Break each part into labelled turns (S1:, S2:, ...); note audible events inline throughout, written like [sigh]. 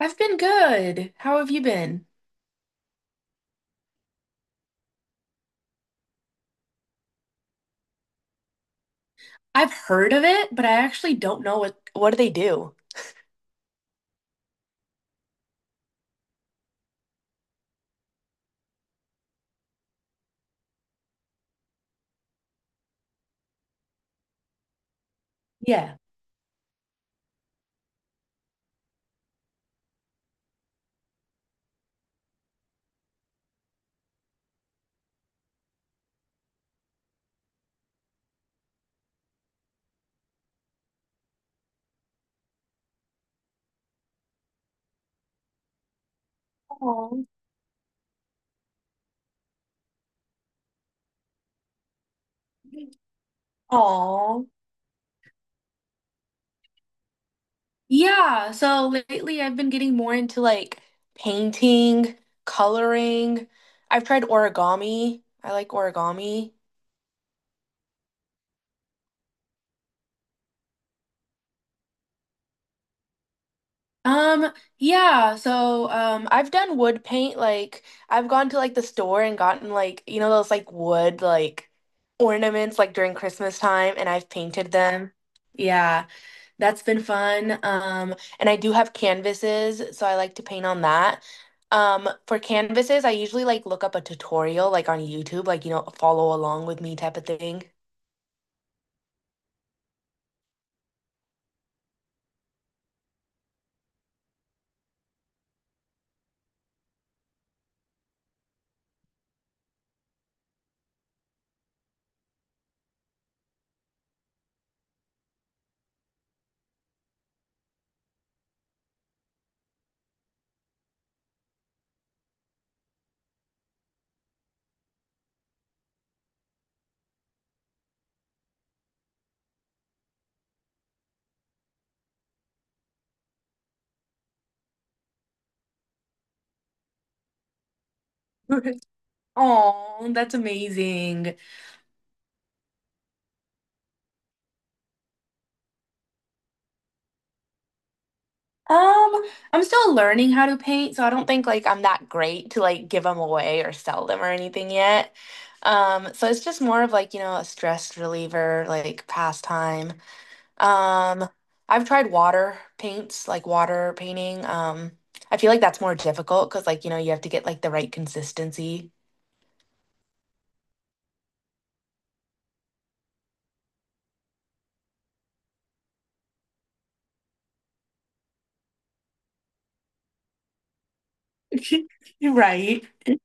S1: I've been good. How have you been? I've heard of it, but I actually don't know what do they do? Yeah. Oh. Oh. Yeah, so lately I've been getting more into like painting, coloring. I've tried origami. I like origami. Yeah, so I've done wood paint like I've gone to like the store and gotten like you know those like wood like ornaments like during Christmas time and I've painted them. Yeah. That's been fun. And I do have canvases, so I like to paint on that. For canvases, I usually like look up a tutorial like on YouTube, like you know, follow along with me type of thing. [laughs] Oh, that's amazing. Um, I'm still learning how to paint, so I don't think like I'm that great to like give them away or sell them or anything yet. So it's just more of like, you know, a stress reliever, like pastime. Um, I've tried water paints, like water painting. I feel like that's more difficult because like, you know, you have to get like the right consistency. [laughs] Right. [laughs]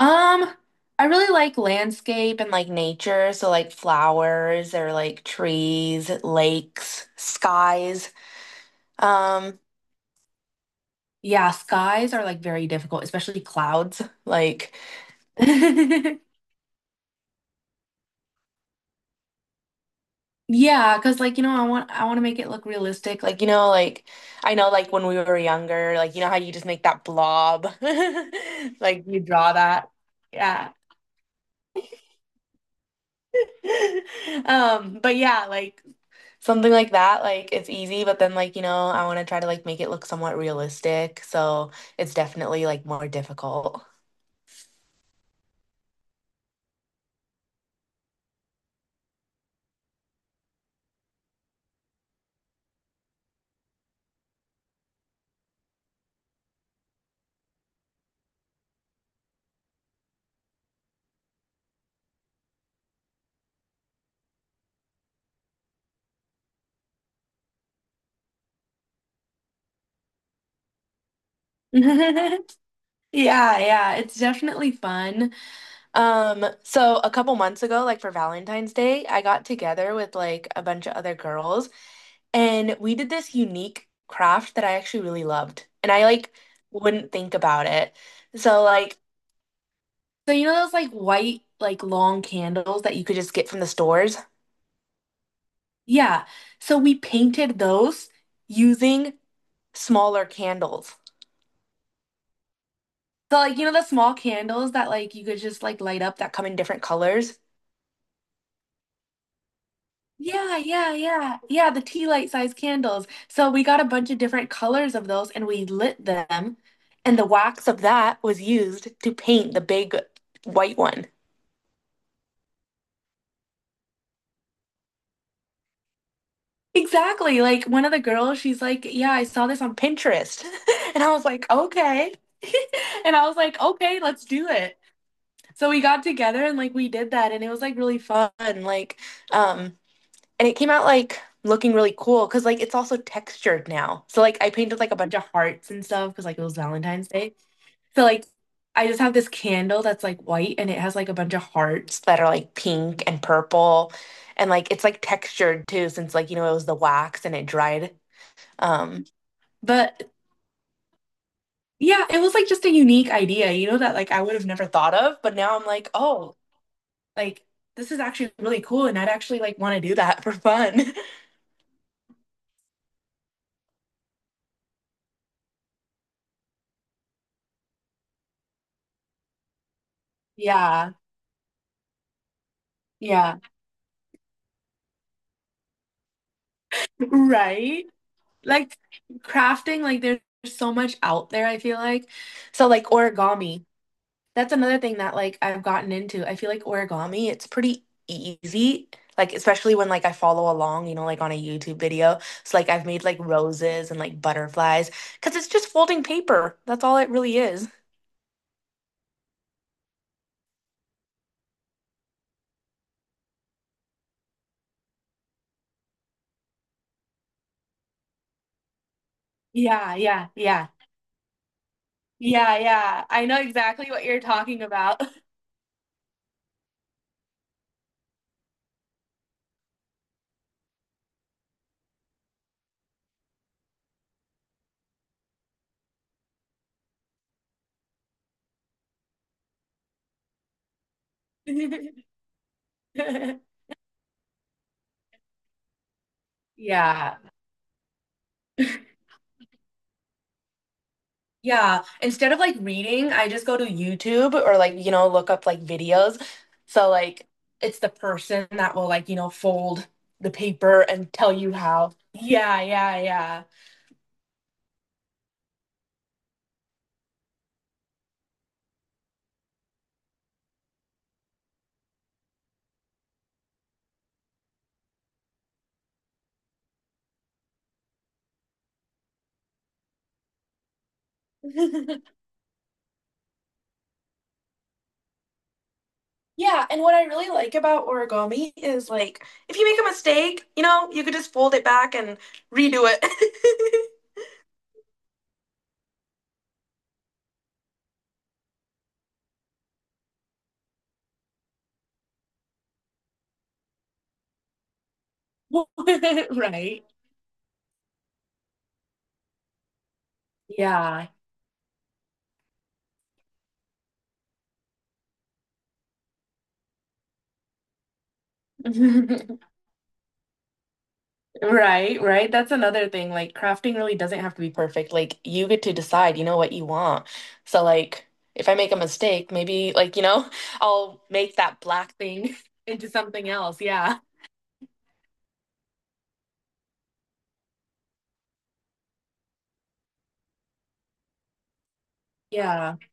S1: Um, I really like landscape and like nature, so like flowers or like trees, lakes, skies. Um, yeah, skies are like very difficult, especially clouds. Like [laughs] yeah, because like you know, I want to make it look realistic. Like you know, like I know like when we were younger, like you know how you just make that blob, [laughs] like you draw that. Yeah. [laughs] But yeah, like something like that, like it's easy, but then like you know, I want to try to like make it look somewhat realistic, so it's definitely like more difficult. [laughs] Yeah, yeah, it's definitely fun. So a couple months ago, like for Valentine's Day, I got together with like a bunch of other girls and we did this unique craft that I actually really loved. And I like wouldn't think about it. So like you know those like white like long candles that you could just get from the stores? Yeah. So we painted those using smaller candles. So like you know the small candles that like you could just like light up that come in different colors? Yeah, yeah, yeah. Yeah, the tea light size candles. So we got a bunch of different colors of those and we lit them. And the wax of that was used to paint the big white one. Exactly. Like one of the girls, she's like, "Yeah, I saw this on Pinterest." [laughs] And I was like, "Okay." [laughs] And I was like, "Okay, let's do it." So we got together and like we did that and it was like really fun. Like, um, and it came out like looking really cool because like it's also textured now. So like I painted like a bunch of hearts and stuff because like it was Valentine's Day. So like I just have this candle that's like white and it has like a bunch of hearts that are like pink and purple and like it's like textured too since like you know it was the wax and it dried. Um but yeah, it was like just a unique idea, you know, that like I would have never thought of, but now I'm like, oh, like this is actually really cool and I'd actually like want to do that for fun. [laughs] Yeah. Yeah. Right? Like crafting, like there's so much out there, I feel like. So like origami. That's another thing that like I've gotten into. I feel like origami, it's pretty easy. Like especially when like I follow along, you know, like on a YouTube video. So like I've made like roses and like butterflies because it's just folding paper. That's all it really is. Yeah, yeah, yeah. Yeah, yeah. I know exactly what you're talking about. [laughs] Yeah. Yeah, instead of like reading, I just go to YouTube or like, you know, look up like videos. So like it's the person that will like, you know, fold the paper and tell you how. Yeah, yeah, yeah. [laughs] Yeah, and what I really like about origami is like if you make a mistake, you know, you could just fold it back and redo it. [laughs] [laughs] Right. Yeah. [laughs] Right, right. That's another thing. Like crafting really doesn't have to be perfect. Like you get to decide, you know, what you want. So like if I make a mistake, maybe like, you know, [laughs] I'll make that black thing [laughs] into something else. Yeah. Yeah. [laughs]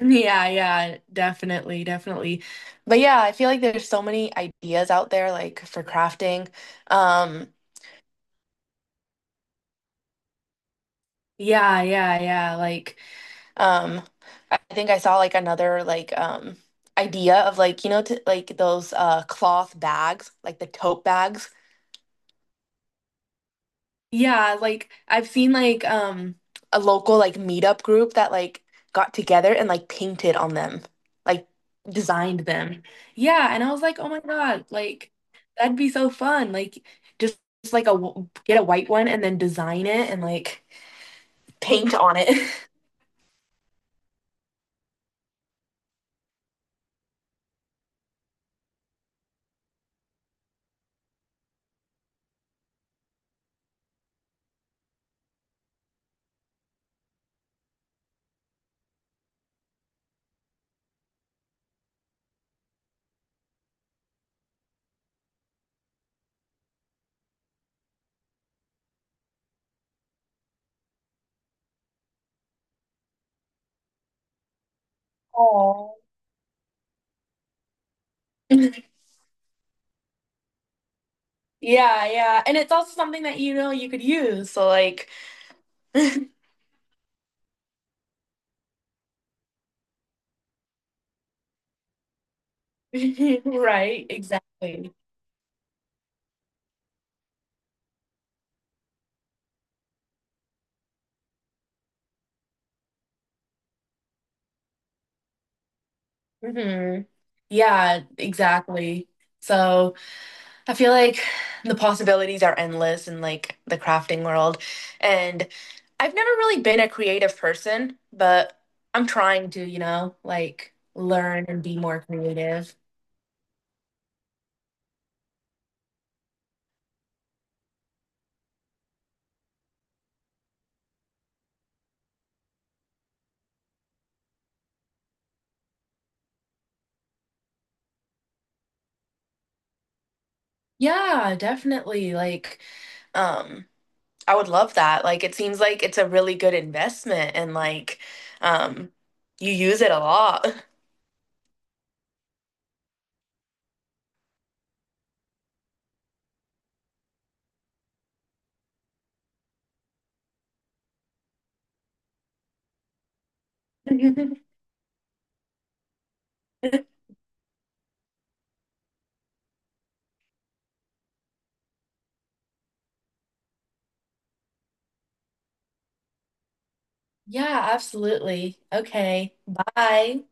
S1: Yeah, yeah, definitely, definitely. But yeah, I feel like there's so many ideas out there like for crafting. Um yeah, yeah, yeah. Like Um, I think I saw like another like idea of like you know to, like those cloth bags, like the tote bags. Yeah, like I've seen like a local like meetup group that like got together and like painted on them, like designed them. Yeah, and I was like, "Oh my God, like that'd be so fun." Like just, just like a get a white one and then design it and like paint on it. [laughs] Oh. [laughs] Yeah, yeah. And it's also something that you know you could use. So like [laughs] right, exactly. Hmm. Yeah, exactly. So I feel like the possibilities are endless in like the crafting world. And I've never really been a creative person, but I'm trying to, you know, like learn and be more creative. Yeah, definitely. Like, um, I would love that. Like it seems like it's a really good investment and like um you use it a lot. [laughs] [laughs] Yeah, absolutely. Okay. Bye.